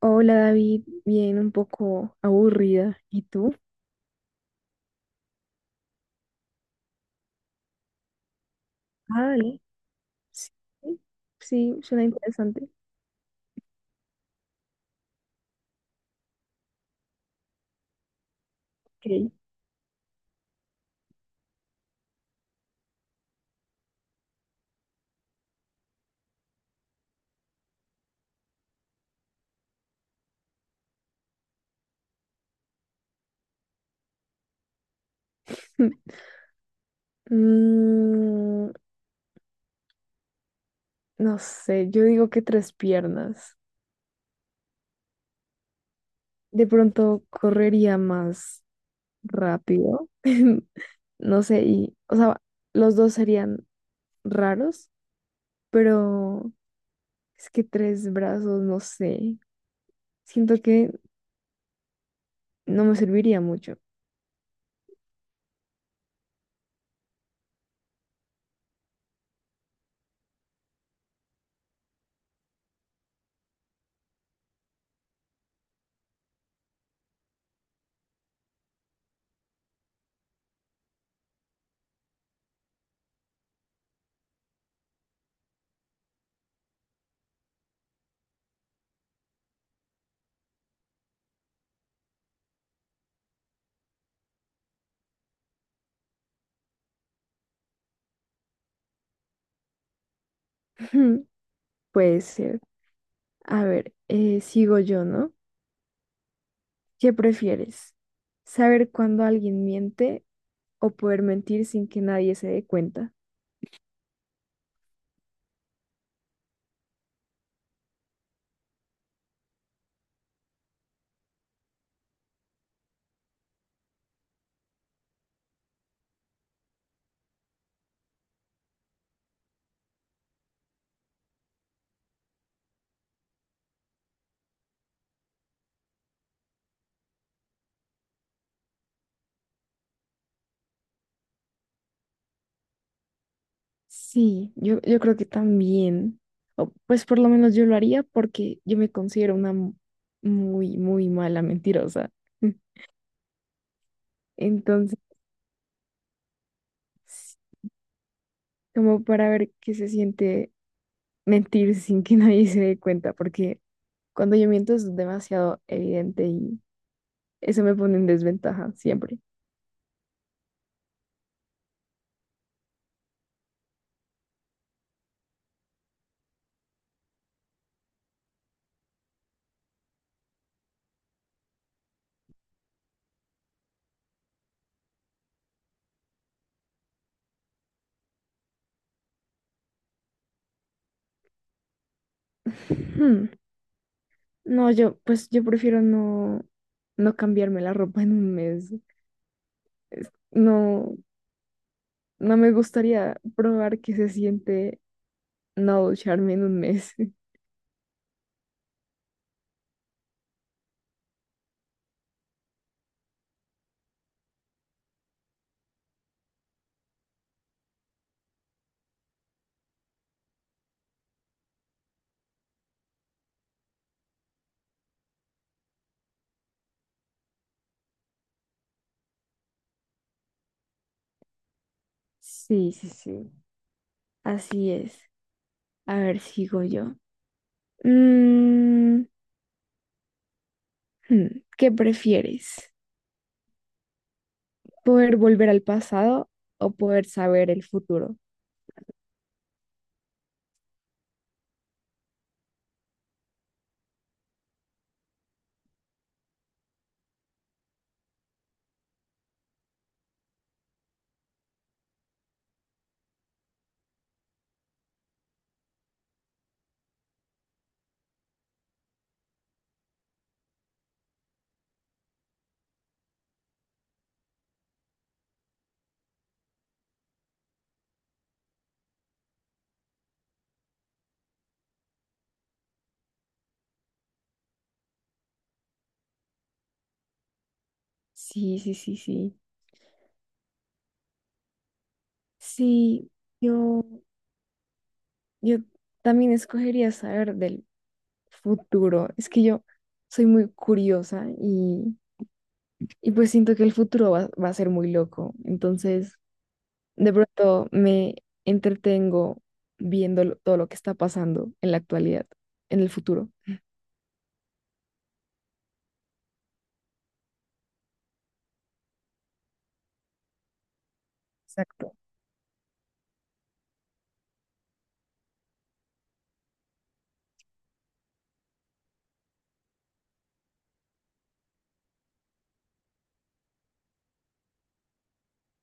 Hola David, bien, un poco aburrida. ¿Y tú? Ah, vale. Sí, sí, suena interesante. Ok. Mm, no sé, yo digo que tres piernas. De pronto correría más rápido. No sé, y, o sea, los dos serían raros, pero es que tres brazos, no sé. Siento que no me serviría mucho. Puede ser. A ver, sigo yo, ¿no? ¿Qué prefieres? ¿Saber cuándo alguien miente o poder mentir sin que nadie se dé cuenta? Sí, yo creo que también. O, pues por lo menos yo lo haría porque yo me considero una muy, muy mala mentirosa. Entonces, como para ver qué se siente mentir sin que nadie se dé cuenta, porque cuando yo miento es demasiado evidente y eso me pone en desventaja siempre. No, yo, pues yo prefiero no cambiarme la ropa en un mes. No, no me gustaría probar que se siente no ducharme en un mes. Sí, sí, sí. Así es. A ver, sigo yo. Mm, hmm, ¿qué prefieres? ¿Poder volver al pasado o poder saber el futuro? Sí, sí, sí, sí. Sí, yo, yo también escogería saber del futuro. Es que yo soy muy curiosa y pues siento que el futuro va a ser muy loco. Entonces, de pronto me entretengo viendo todo lo que está pasando en la actualidad, en el futuro. Exacto.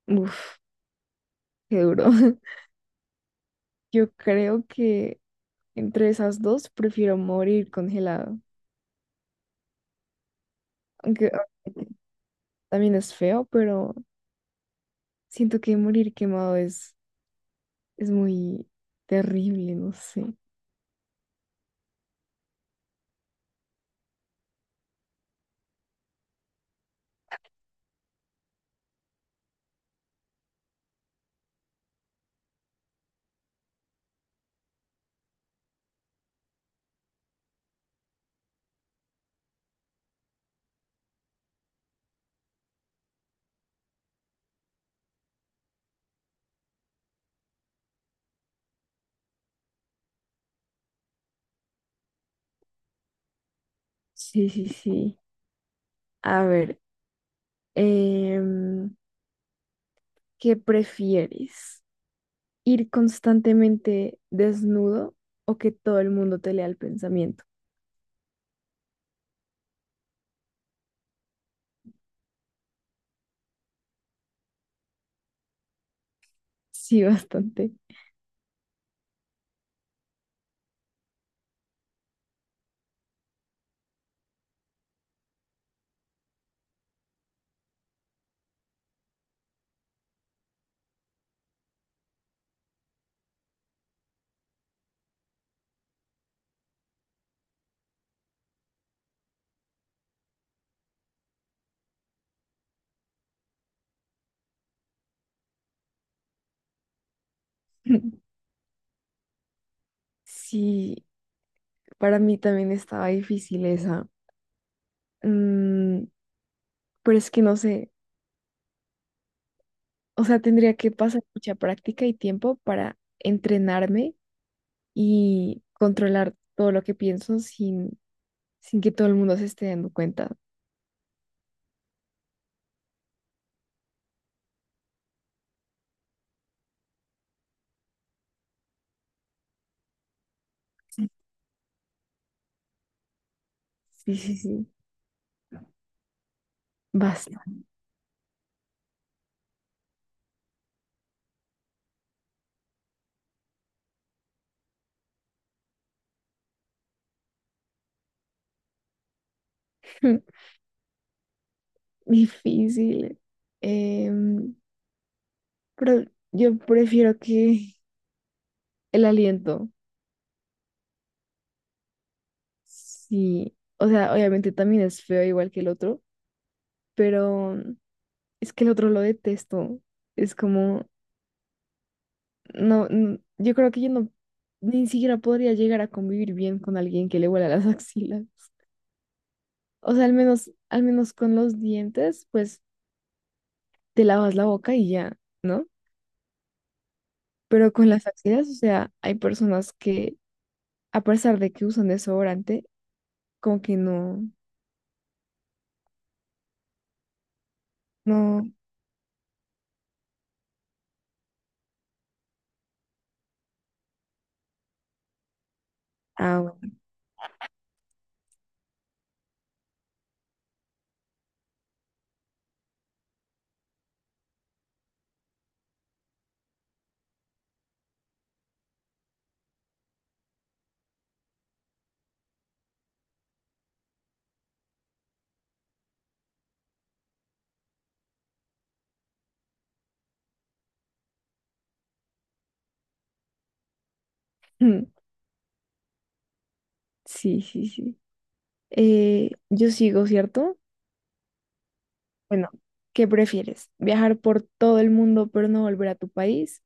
Uf, qué duro. Yo creo que entre esas dos prefiero morir congelado, aunque obviamente también es feo, pero siento que morir quemado es muy terrible, no sé. Sí, sí, sí. A ver, em, ¿qué prefieres? ¿Ir constantemente desnudo o que todo el mundo te lea el pensamiento? Sí, bastante. Sí, para mí también estaba difícil esa. Mm, pero es que no sé, o sea, tendría que pasar mucha práctica y tiempo para entrenarme y controlar todo lo que pienso sin que todo el mundo se esté dando cuenta. Sí, sí, sí. Sí. Bastante difícil. Em, pero yo prefiero que el aliento, sí. O sea, obviamente también es feo igual que el otro, pero mm, es que el otro lo detesto. Es como, no, n- yo creo que yo no, ni siquiera podría llegar a convivir bien con alguien que le huela las axilas. O sea, al menos con los dientes, pues te lavas la boca y ya, ¿no? Pero con las axilas, o sea, hay personas que, a pesar de que usan desodorante, como que no, no, ah, bueno. Sí, sí, sí. Yo sigo, ¿cierto? Bueno, ¿qué prefieres? ¿Viajar por todo el mundo pero no volver a tu país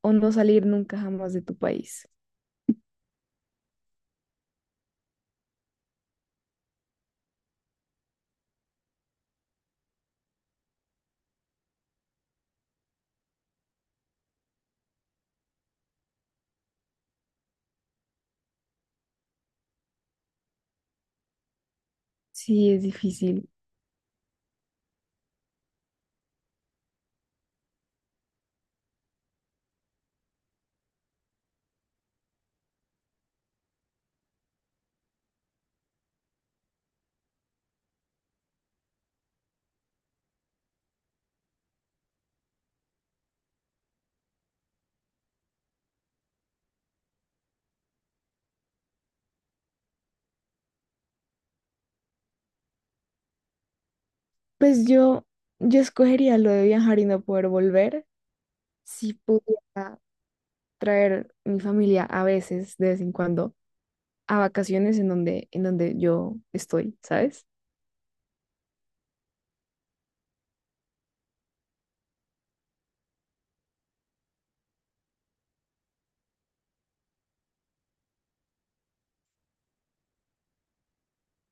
o no salir nunca jamás de tu país? Sí, es difícil. Pues yo escogería lo de viajar y no poder volver si pudiera traer mi familia a veces, de vez en cuando, a vacaciones en donde yo estoy, ¿sabes?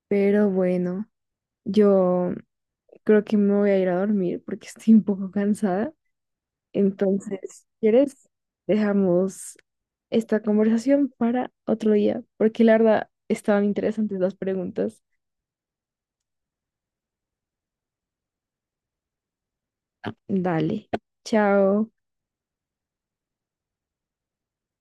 Pero bueno, yo creo que me voy a ir a dormir porque estoy un poco cansada. Entonces, si quieres, dejamos esta conversación para otro día, porque la verdad estaban interesantes las preguntas. Dale, chao.